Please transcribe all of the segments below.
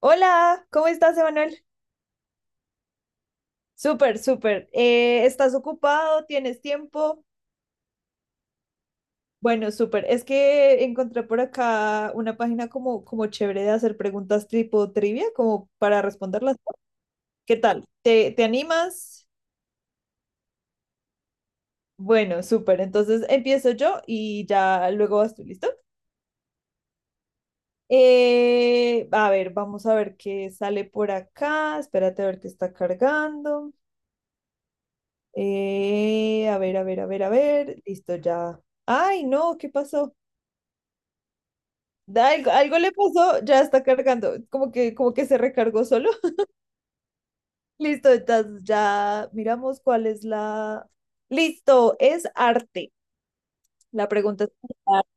Hola, ¿cómo estás, Emanuel? Súper, súper. ¿Estás ocupado? ¿Tienes tiempo? Bueno, súper. Es que encontré por acá una página como chévere de hacer preguntas tipo trivia, como para responderlas. ¿Qué tal? ¿Te animas? Bueno, súper. Entonces empiezo yo y ya luego vas tú, ¿listo? A ver, vamos a ver qué sale por acá. Espérate a ver qué está cargando. A ver, a ver, a ver, a ver. Listo, ya. Ay, no, ¿qué pasó? Algo le pasó, ya está cargando. Como que se recargó solo. Listo, entonces ya miramos cuál es la. Listo, es arte. La pregunta es arte.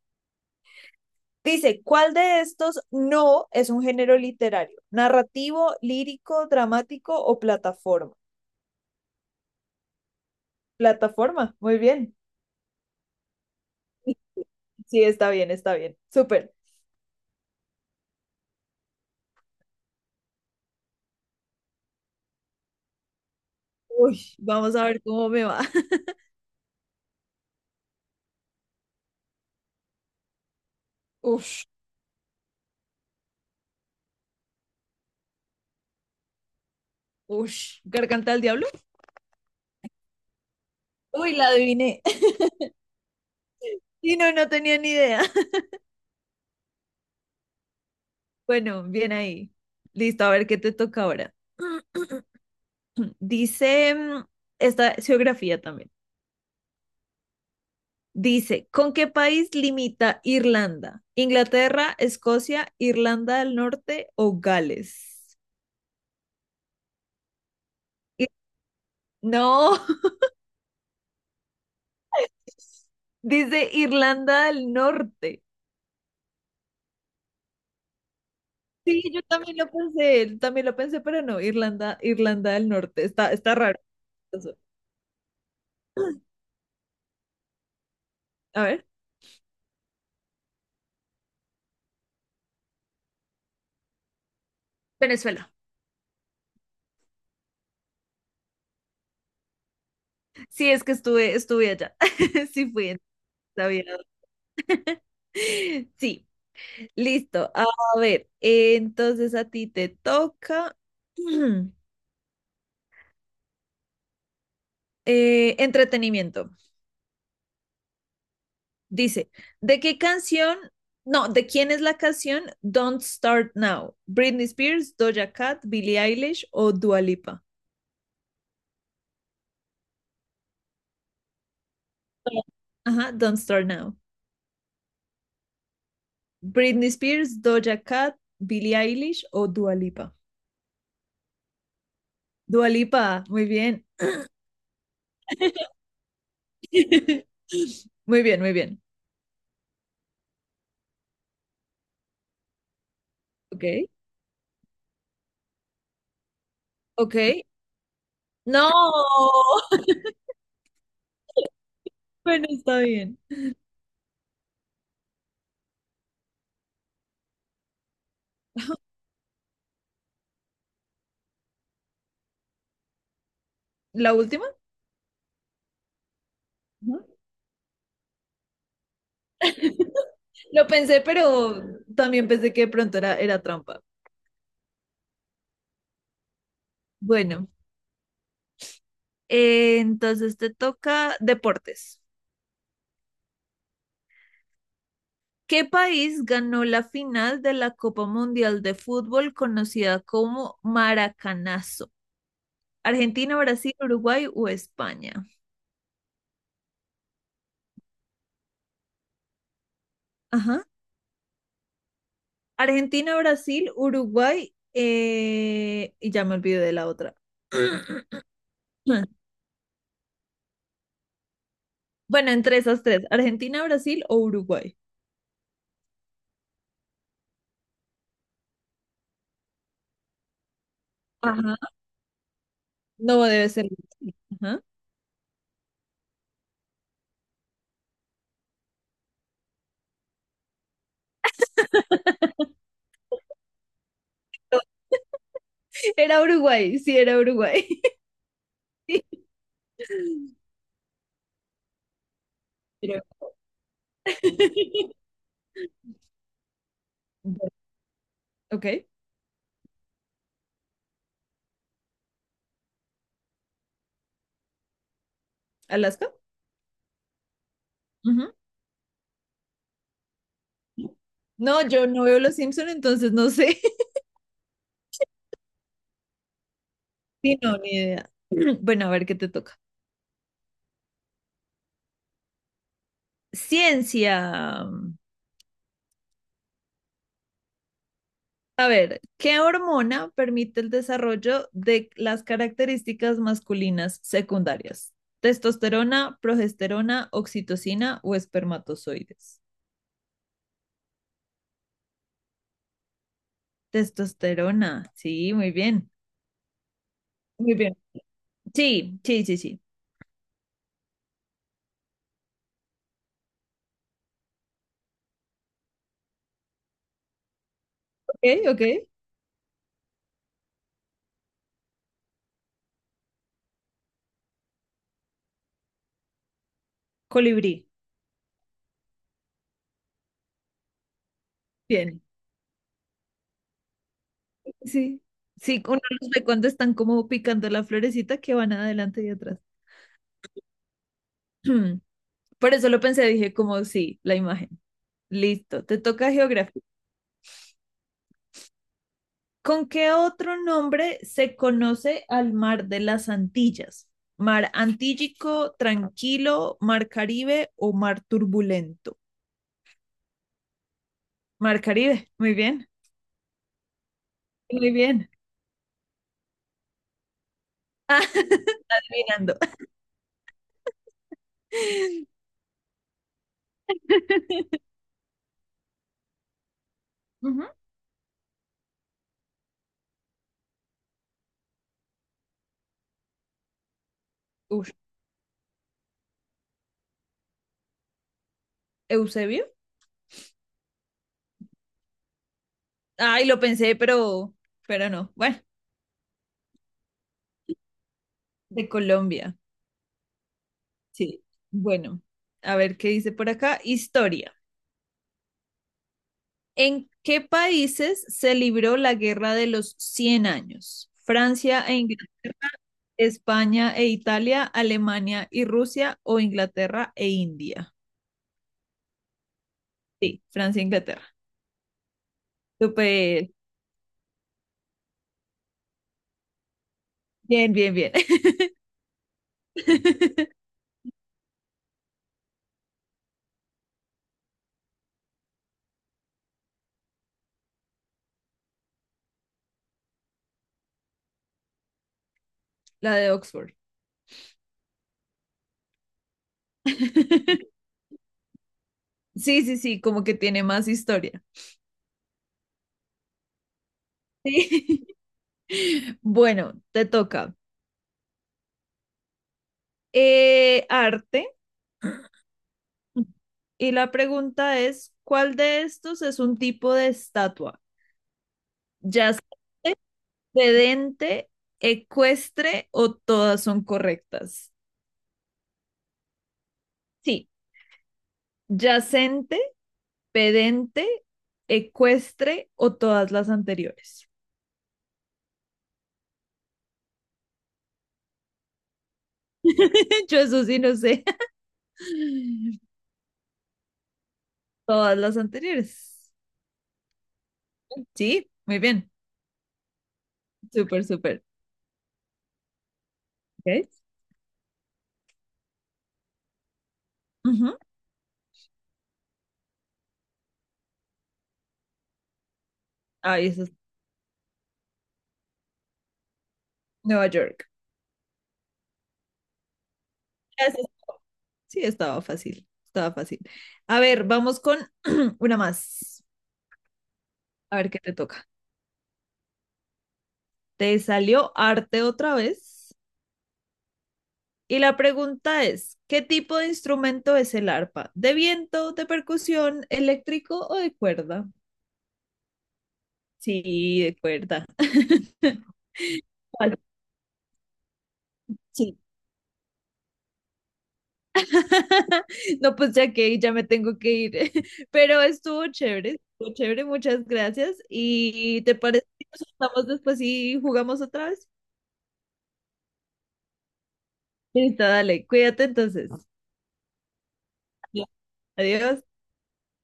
Dice, ¿cuál de estos no es un género literario? ¿Narrativo, lírico, dramático o plataforma? Plataforma, muy bien. Sí, está bien, está bien. Súper. Uy, vamos a ver cómo me va. Uf. Ush, ¿Garganta del Diablo? Uy, la adiviné. Sí, no, no tenía ni idea. Bueno, bien ahí. Listo, a ver qué te toca ahora. Dice, esta es geografía también. Dice, ¿con qué país limita Irlanda? ¿Inglaterra, Escocia, Irlanda del Norte o Gales? Ir- No, dice Irlanda del Norte. Sí, yo también lo pensé, pero no, Irlanda, Irlanda del Norte, está, está raro. Eso. A ver, Venezuela. Sí, es que estuve, estuve allá. Sí, fui, entonces sabía. Sí, listo. A ver, entonces a ti te toca entretenimiento. Dice, ¿de qué canción? No, ¿de quién es la canción Don't Start Now? ¿Britney Spears, Doja Cat, Billie Eilish o Dua Lipa? Ajá, Don't Start Now. Britney Spears, Doja Cat, Billie Eilish o Dua Lipa. Dua Lipa, muy bien. Muy bien, muy bien. Ok, ok. No, bueno, está bien. ¿La última? Ajá. Lo pensé, pero también pensé que de pronto era trampa. Bueno, entonces te toca deportes. ¿Qué país ganó la final de la Copa Mundial de Fútbol conocida como Maracanazo? Argentina, Brasil, Uruguay o España. Ajá. Argentina, Brasil, Uruguay y ya me olvidé de la otra. Bueno, entre esas tres, Argentina, Brasil o Uruguay. Ajá. No debe ser. Brasil. Ajá. Era Uruguay, sí, era Uruguay. Pero- Ok, Alaska. Ujú. No, yo no veo Los Simpson, entonces no sé. Sí, no, ni idea. Bueno, a ver qué te toca. Ciencia. A ver, ¿qué hormona permite el desarrollo de las características masculinas secundarias? ¿Testosterona, progesterona, oxitocina o espermatozoides? Testosterona. Sí, muy bien. Muy bien. Sí, sí, sí, sí. Ok, ok. Colibrí. Bien. Sí, sí, uno los ve cuando están como picando la florecita que van adelante y atrás. Por eso lo pensé, dije como sí, la imagen. Listo, te toca geografía. ¿Con qué otro nombre se conoce al mar de las Antillas? ¿Mar Antillico, Tranquilo, Mar Caribe o Mar Turbulento? Mar Caribe, muy bien, muy bien. Ah, adivinando. Ujú. Ush, Eusebio. Ay, lo pensé, pero no. Bueno, de Colombia. Sí. Bueno, a ver qué dice por acá. Historia. ¿En qué países se libró la Guerra de los Cien años? ¿Francia e Inglaterra, España e Italia, Alemania y Rusia o Inglaterra e India? Sí, Francia e Inglaterra. Súper. Bien, bien, bien. La de Oxford. Sí, sí, sí, como que tiene más historia. Sí. Bueno, te toca. Arte. Y la pregunta es, ¿cuál de estos es un tipo de estatua? ¿Yacente, sedente, ecuestre o todas son correctas? Sí, yacente, pedente, ecuestre o todas las anteriores. Yo eso sí no sé. Todas las anteriores. Sí, muy bien. Súper, súper. ¿Ok? Ujú. Ahí eso es Nueva York. Gracias. Sí, estaba fácil, estaba fácil. A ver, vamos con una más. A ver qué te toca. Te salió arte otra vez. Y la pregunta es, ¿qué tipo de instrumento es el arpa? ¿De viento, de percusión, eléctrico o de cuerda? Sí, de cuerda. Vale, sí. No, pues ya que ya me tengo que ir. Pero estuvo chévere, muchas gracias. ¿Y te parece que nos estamos después y jugamos otra vez? Listo, dale, cuídate entonces. Adiós.